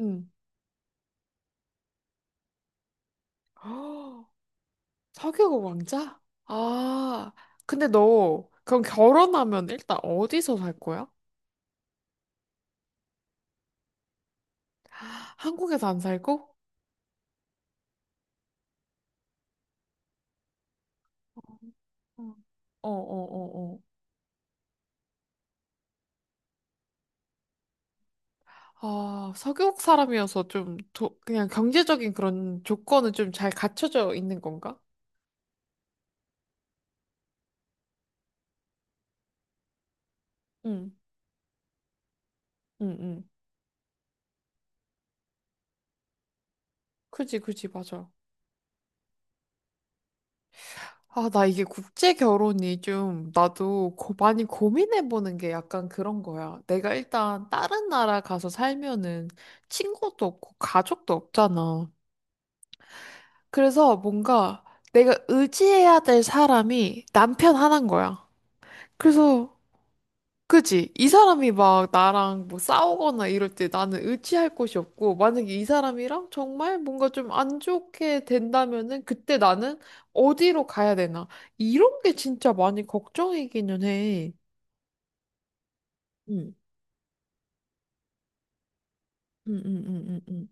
응. 허, 사교 왕자? 아, 근데 너 그럼 결혼하면 일단 어디서 살 거야? 한국에서 안 살고? 어. 어, 어, 어, 어. 아, 서교국 사람이어서 좀 도, 그냥 경제적인 그런 조건은 좀 잘 갖춰져 있는 건가? 응, 응, 응. 그지, 그지, 맞아. 아, 나 이게 국제 결혼이 좀 나도 많이 고민해보는 게 약간 그런 거야. 내가 일단 다른 나라 가서 살면은 친구도 없고 가족도 없잖아. 그래서 뭔가 내가 의지해야 될 사람이 남편 하나인 거야. 그래서 그지? 이 사람이 막 나랑 뭐 싸우거나 이럴 때 나는 의지할 곳이 없고, 만약에 이 사람이랑 정말 뭔가 좀 안 좋게 된다면은 그때 나는 어디로 가야 되나? 이런 게 진짜 많이 걱정이기는 해. 응, 응, 응, 응, 응,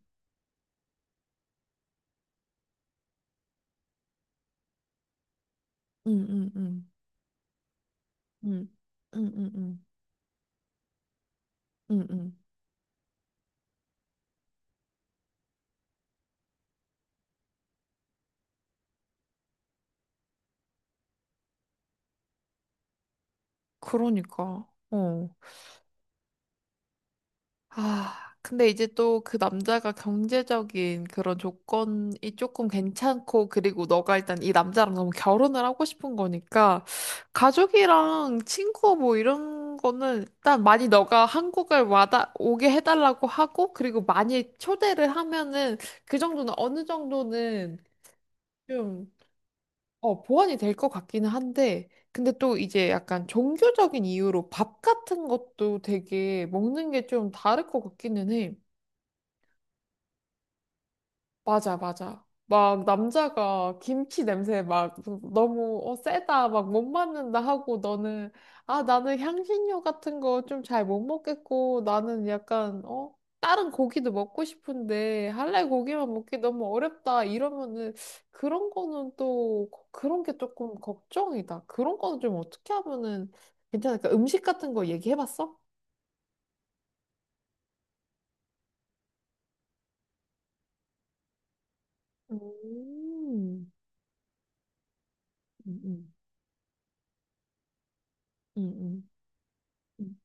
응, 응, 응, 응, 응, 응, 응, 응, 응, 응. 그러니까, 어. 아, 근데 이제 또 그 남자가 경제적인 그런 조건이 조금 괜찮고, 그리고 너가 일단 이 남자랑 너무 결혼을 하고 싶은 거니까, 가족이랑 친구 뭐 이런 거는 일단 많이 너가 오게 해달라고 하고, 그리고 많이 초대를 하면은 그 정도는 어느 정도는 좀, 어, 보완이 될 것 같기는 한데, 근데 또 이제 약간 종교적인 이유로 밥 같은 것도 되게 먹는 게 좀 다를 것 같기는 해. 맞아, 맞아. 막 남자가 김치 냄새 막 너무 어, 세다, 막 못 맞는다 하고 너는 아, 나는 향신료 같은 거 좀 잘 못 먹겠고 나는 약간 어, 다른 고기도 먹고 싶은데 할래 고기만 먹기 너무 어렵다 이러면은 그런 게 조금 걱정이다. 그런 거는 좀 어떻게 하면은 괜찮을까? 음식 같은 거 얘기해 봤어? 음, 음, 음, 음. 음.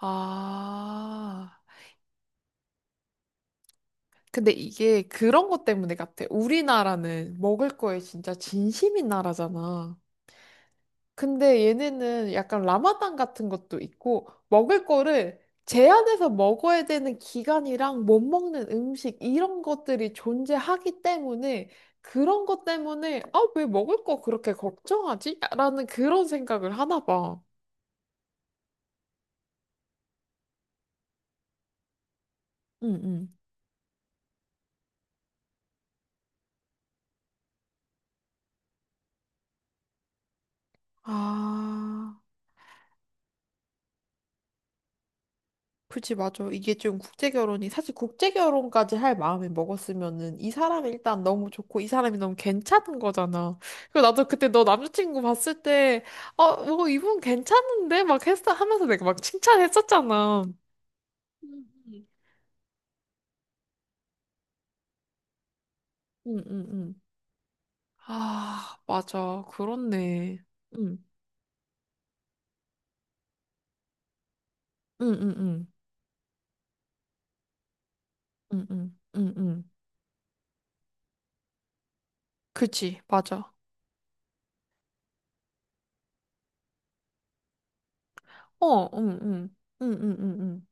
아. 근데 이게 그런 것 때문에 같아. 우리나라는 먹을 거에 진짜 진심인 나라잖아. 근데 얘네는 약간 라마단 같은 것도 있고, 먹을 거를 제한해서 먹어야 되는 기간이랑 못 먹는 음식, 이런 것들이 존재하기 때문에, 그런 것 때문에, 아, 왜 먹을 거 그렇게 걱정하지? 라는 그런 생각을 하나 봐. 응, 응. 아. 그치, 맞아. 이게 좀 국제 결혼이, 사실 국제 결혼까지 할 마음을 먹었으면은 이 사람이 일단 너무 좋고 이 사람이 너무 괜찮은 거잖아. 그리고 나도 그때 너 남자친구 봤을 때, 어, 뭐 이분 괜찮은데? 막 했어 하면서 내가 막 칭찬했었잖아. 음, 음. 응, 응, 응. 아, 맞아. 그렇네. 응, 응, 응, 응, 응, 응, 응, 응. 그치, 맞아. 어, 응, 응, 응, 응, 응,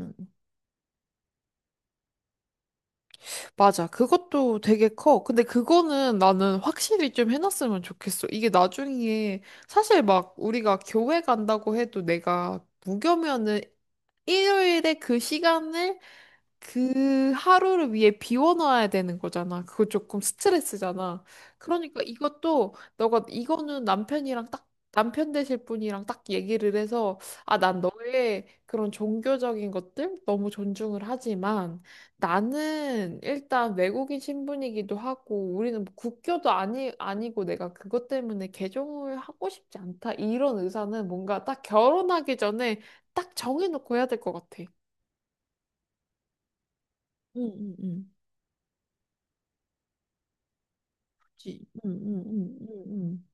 응. 응. 맞아. 그것도 되게 커. 근데 그거는 나는 확실히 좀 해놨으면 좋겠어. 이게 나중에 사실 막 우리가 교회 간다고 해도 내가 무교면은 일요일에 그 시간을 그 하루를 위해 비워놔야 되는 거잖아. 그거 조금 스트레스잖아. 그러니까 이것도 너가 이거는 남편이랑 딱 남편 되실 분이랑 딱 얘기를 해서 아, 난 너의 그런 종교적인 것들 너무 존중을 하지만 나는 일단 외국인 신분이기도 하고 우리는 뭐 국교도 아니 아니고 내가 그것 때문에 개종을 하고 싶지 않다. 이런 의사는 뭔가 딱 결혼하기 전에 딱 정해놓고 해야 될 것 같아. 응, 응, 응. 지. 응, 응, 응, 응,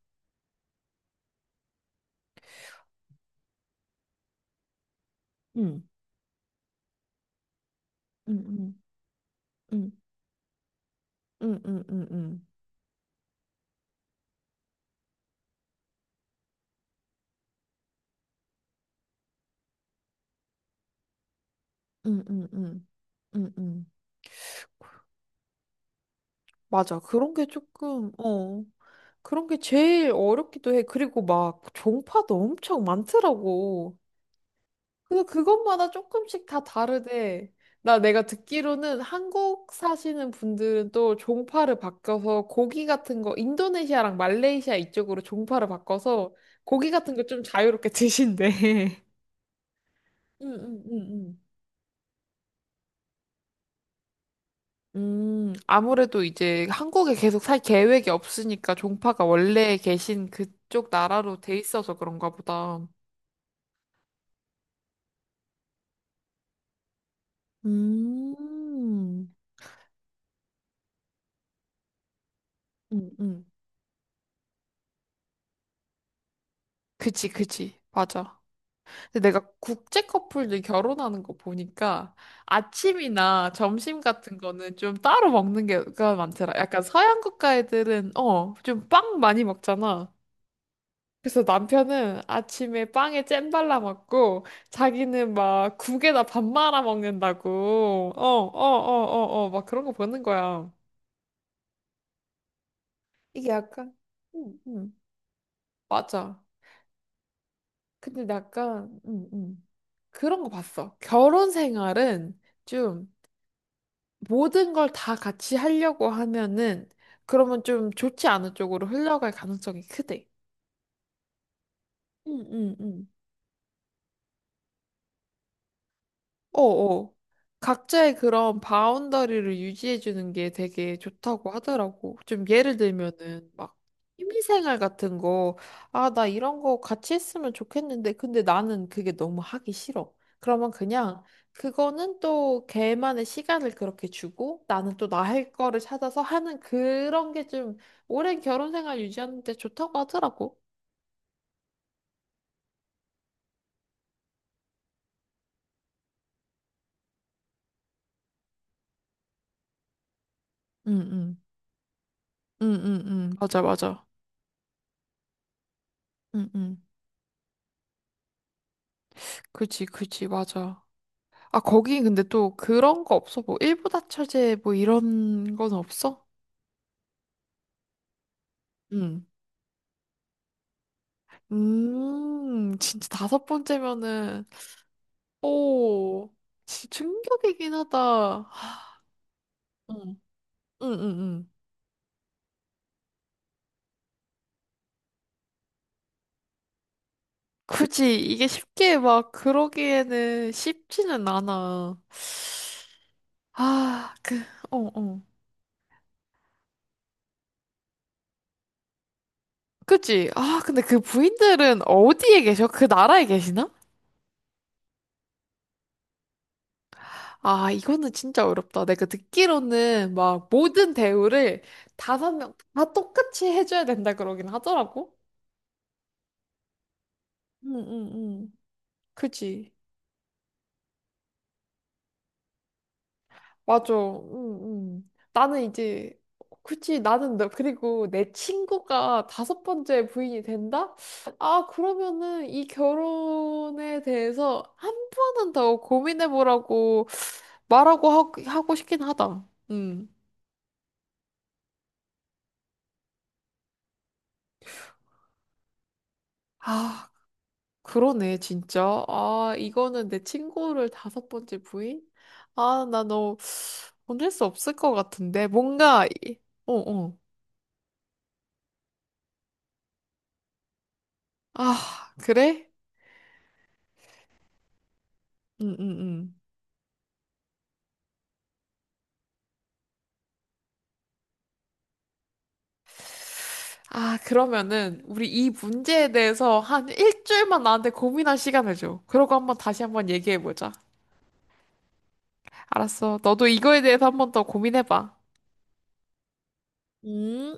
응, 응, 응, 응, 응, 응, 응, 응, 응, 응, 응, 응. 맞아. 그런 게 조금, 어, 그런 게 제일 어렵기도 해. 그리고 막 종파도 엄청 많더라고. 그래서 그것마다 조금씩 다 다르대. 나 내가 듣기로는 한국 사시는 분들은 또 종파를 바꿔서 고기 같은 거 인도네시아랑 말레이시아 이쪽으로 종파를 바꿔서 고기 같은 거 좀 자유롭게 드신대. 응응응응. 아무래도 이제 한국에 계속 살 계획이 없으니까 종파가 원래 계신 그쪽 나라로 돼 있어서 그런가 보다. 음, 음, 음. 그치, 그치. 맞아. 근데 내가 국제 커플들 결혼하는 거 보니까 아침이나 점심 같은 거는 좀 따로 먹는 게가 많더라. 약간 서양 국가 애들은, 어, 좀 빵 많이 먹잖아. 그래서 남편은 아침에 빵에 잼 발라 먹고 자기는 막 국에다 밥 말아 먹는다고. 어, 어, 어, 어, 어, 막 그런 거 보는 거야. 이게 약간, 응, 응, 맞아. 근데 약간, 응, 응. 그런 거 봤어. 결혼 생활은 좀 모든 걸 다 같이 하려고 하면은 그러면 좀 좋지 않은 쪽으로 흘러갈 가능성이 크대. 응, 응, 응. 어어. 각자의 그런 바운더리를 유지해주는 게 되게 좋다고 하더라고. 좀 예를 들면은 막 취미생활 같은 거, 아, 나 이런 거 같이 했으면 좋겠는데, 근데 나는 그게 너무 하기 싫어. 그러면 그냥 그거는 또 걔만의 시간을 그렇게 주고 나는 또 나 할 거를 찾아서 하는 그런 게 좀 오랜 결혼 생활 유지하는 데 좋다고 하더라고. 응, 응. 응, 응, 응. 맞아, 맞아. 응, 응. 그치, 그치, 맞아. 아, 거기 근데 또 그런 거 없어? 뭐, 일부다 처제 뭐 이런 건 없어? 응. 진짜 다섯 번째면은, 오, 진짜 충격이긴 하다. 응, 응, 응, 응. 굳이 이게 쉽게 막 그러기에는 쉽지는 않아. 아, 그, 어, 어. 그치? 아, 근데 그 부인들은 어디에 계셔? 그 나라에 계시나? 아, 이거는 진짜 어렵다. 내가 듣기로는 막 모든 대우를 다섯 명 다 똑같이 해줘야 된다 그러긴 하더라고. 응, 응, 응. 그지. 맞아. 응, 응. 나는 이제, 그치. 나는 너, 그리고 내 친구가 다섯 번째 부인이 된다? 아, 그러면은 이 결혼에 대해서 한 번은 더 고민해보라고 말하고 하고 싶긴 하다. 응. 아. 그러네, 진짜. 아, 이거는 내 친구를 다섯 번째 부인? 아, 나 너 보낼 수 없을 것 같은데. 뭔가, 이- 어, 어. 아, 그래? 응, 응, 응. 아, 그러면은, 우리 이 문제에 대해서 한 일주일만 나한테 고민할 시간을 줘. 그러고 한번 다시 한번 얘기해보자. 알았어. 너도 이거에 대해서 한번 더 고민해봐. 음.